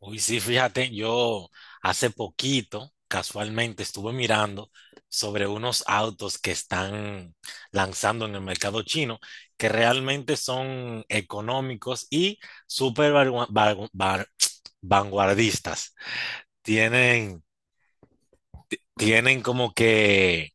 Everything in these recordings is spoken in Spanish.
Uy, sí, fíjate, yo hace poquito, casualmente, estuve mirando sobre unos autos que están lanzando en el mercado chino, que realmente son económicos y súper vanguardistas. Tienen, tienen como que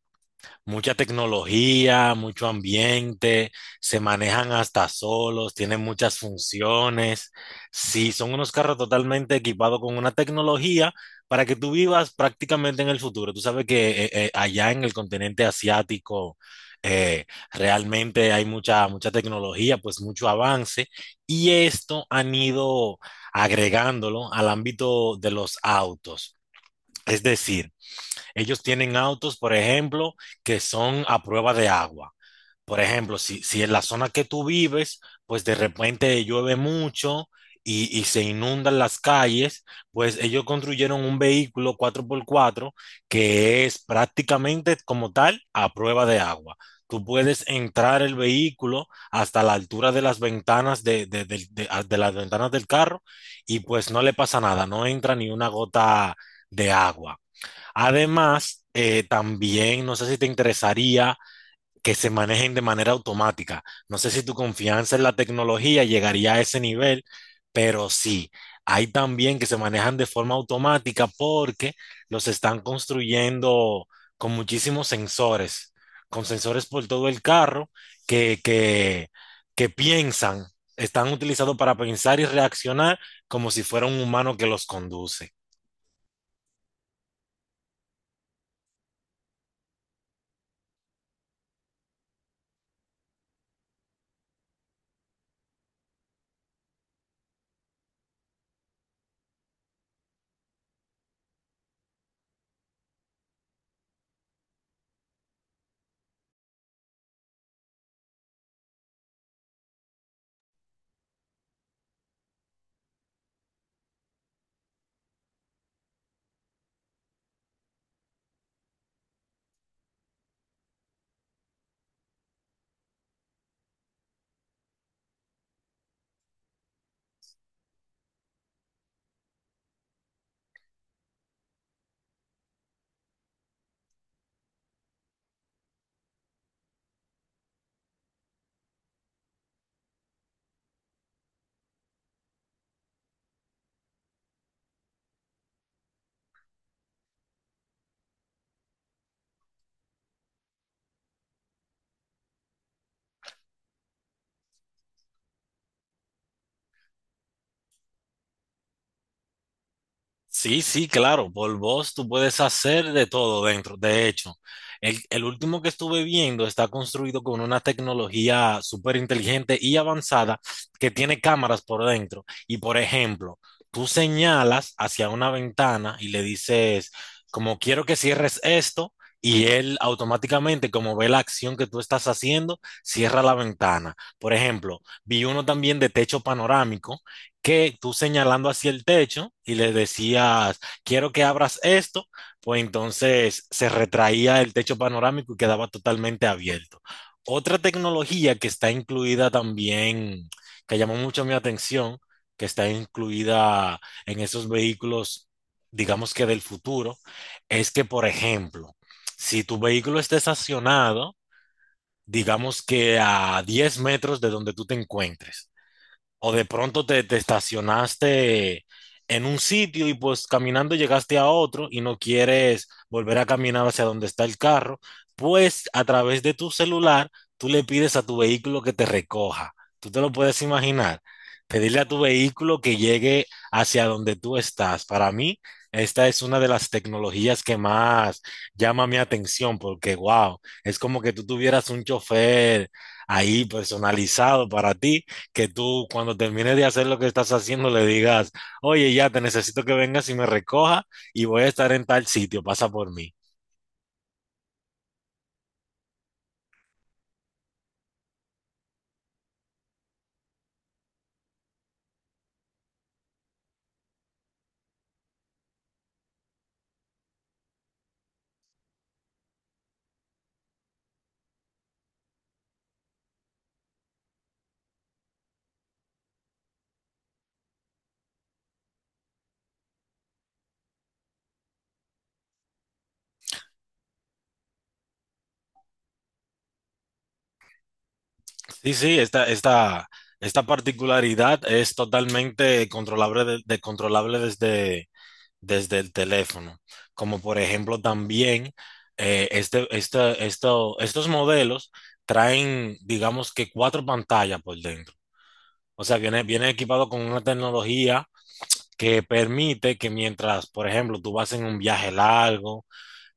mucha tecnología, mucho ambiente, se manejan hasta solos, tienen muchas funciones. Sí, son unos carros totalmente equipados con una tecnología para que tú vivas prácticamente en el futuro. Tú sabes que allá en el continente asiático, eh, realmente hay mucha tecnología, pues mucho avance, y esto han ido agregándolo al ámbito de los autos. Es decir, ellos tienen autos, por ejemplo, que son a prueba de agua. Por ejemplo, si en la zona que tú vives, pues de repente llueve mucho y se inundan las calles, pues ellos construyeron un vehículo cuatro por cuatro que es prácticamente como tal a prueba de agua. Tú puedes entrar el vehículo hasta la altura de las ventanas de las ventanas del carro y pues no le pasa nada, no entra ni una gota de agua. Además, también no sé si te interesaría que se manejen de manera automática. No sé si tu confianza en la tecnología llegaría a ese nivel, pero sí, hay también que se manejan de forma automática porque los están construyendo con muchísimos sensores, con sensores por todo el carro que, que, que piensan, están utilizados para pensar y reaccionar como si fuera un humano que los conduce. Sí, sí, claro, por voz tú puedes hacer de todo dentro. De hecho, el último que estuve viendo está construido con una tecnología súper inteligente y avanzada que tiene cámaras por dentro. Y por ejemplo, tú señalas hacia una ventana y le dices, como quiero que cierres esto, y él automáticamente, como ve la acción que tú estás haciendo, cierra la ventana. Por ejemplo, vi uno también de techo panorámico que tú señalando hacia el techo y le decías, quiero que abras esto, pues entonces se retraía el techo panorámico y quedaba totalmente abierto. Otra tecnología que está incluida también, que llamó mucho mi atención, que está incluida en esos vehículos, digamos que del futuro, es que, por ejemplo, si tu vehículo está estacionado, digamos que a 10 metros de donde tú te encuentres, o de pronto te estacionaste en un sitio y pues caminando llegaste a otro y no quieres volver a caminar hacia donde está el carro, pues a través de tu celular tú le pides a tu vehículo que te recoja. Tú te lo puedes imaginar. Pedirle a tu vehículo que llegue hacia donde tú estás. Para mí, esta es una de las tecnologías que más llama mi atención porque, wow, es como que tú tuvieras un chofer ahí personalizado para ti que tú cuando termines de hacer lo que estás haciendo le digas, oye, ya te necesito que vengas y me recoja y voy a estar en tal sitio, pasa por mí. Sí, sí, esta particularidad es totalmente controlable, controlable desde, desde el teléfono. Como por ejemplo también estos modelos traen, digamos que 4 pantallas por dentro. O sea, viene equipado con una tecnología que permite que mientras, por ejemplo, tú vas en un viaje largo,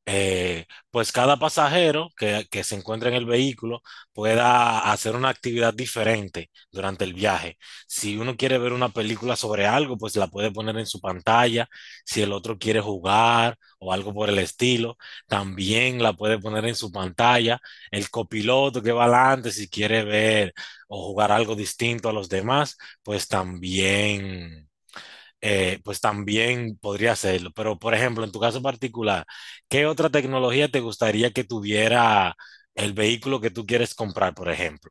pues cada pasajero que se encuentra en el vehículo pueda hacer una actividad diferente durante el viaje. Si uno quiere ver una película sobre algo, pues la puede poner en su pantalla. Si el otro quiere jugar o algo por el estilo, también la puede poner en su pantalla. El copiloto que va adelante, si quiere ver o jugar algo distinto a los demás, pues también podría hacerlo. Pero, por ejemplo, en tu caso particular, ¿qué otra tecnología te gustaría que tuviera el vehículo que tú quieres comprar, por ejemplo?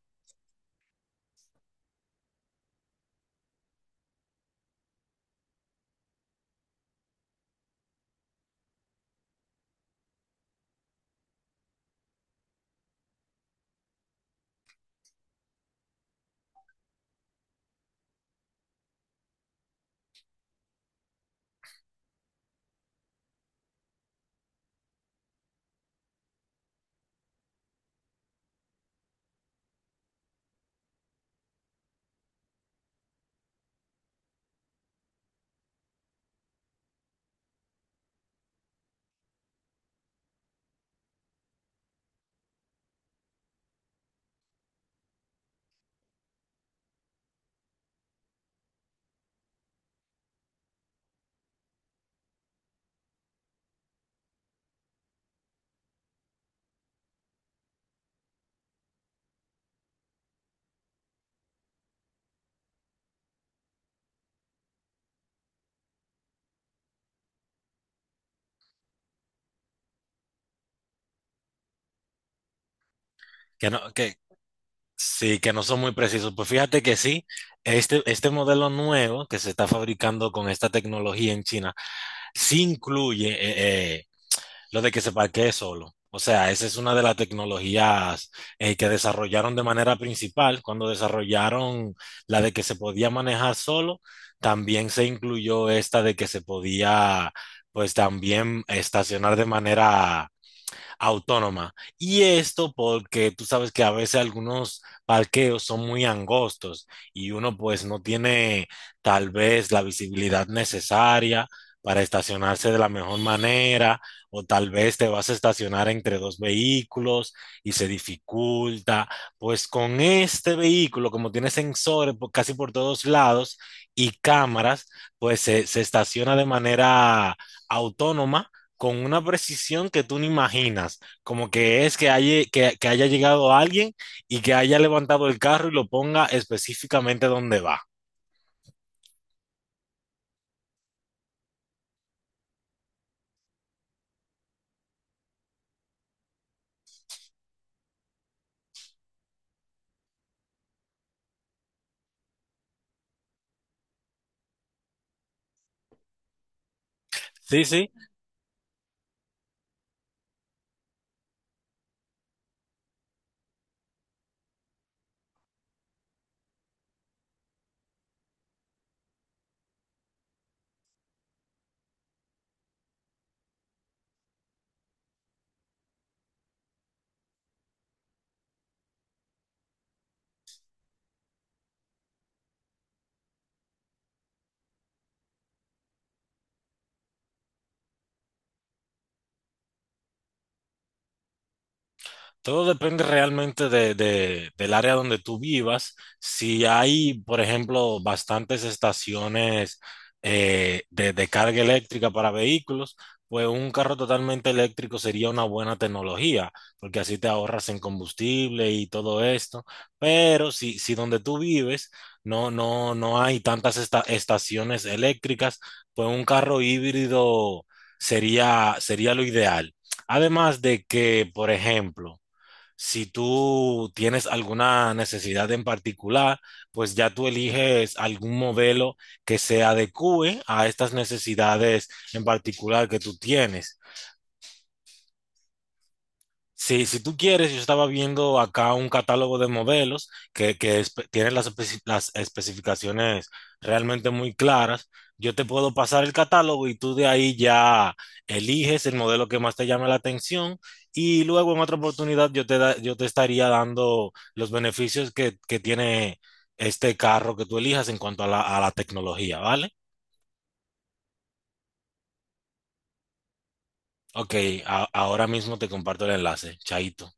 Que no, que sí, que no son muy precisos. Pues fíjate que sí, este modelo nuevo que se está fabricando con esta tecnología en China, sí incluye lo de que se parquee solo. O sea, esa es una de las tecnologías que desarrollaron de manera principal. Cuando desarrollaron la de que se podía manejar solo, también se incluyó esta de que se podía, pues también estacionar de manera autónoma. Y esto porque tú sabes que a veces algunos parqueos son muy angostos y uno pues no tiene tal vez la visibilidad necesaria para estacionarse de la mejor manera o tal vez te vas a estacionar entre dos vehículos y se dificulta. Pues con este vehículo, como tiene sensores casi por todos lados y cámaras, pues se estaciona de manera autónoma con una precisión que tú ni imaginas, como que es que haya, que haya llegado alguien y que haya levantado el carro y lo ponga específicamente donde va. Sí, sí. Todo depende realmente del área donde tú vivas. Si hay, por ejemplo, bastantes estaciones de carga eléctrica para vehículos, pues un carro totalmente eléctrico sería una buena tecnología, porque así te ahorras en combustible y todo esto. Pero si donde tú vives no hay tantas estaciones eléctricas, pues un carro híbrido sería lo ideal. Además de que, por ejemplo, si tú tienes alguna necesidad en particular, pues ya tú eliges algún modelo que se adecue a estas necesidades en particular que tú tienes. Sí, si tú quieres, yo estaba viendo acá un catálogo de modelos tienen las, las especificaciones realmente muy claras. Yo te puedo pasar el catálogo y tú de ahí ya eliges el modelo que más te llame la atención y luego en otra oportunidad yo te estaría dando los beneficios que tiene este carro que tú elijas en cuanto a a la tecnología, ¿vale? Ok, ahora mismo te comparto el enlace. Chaito.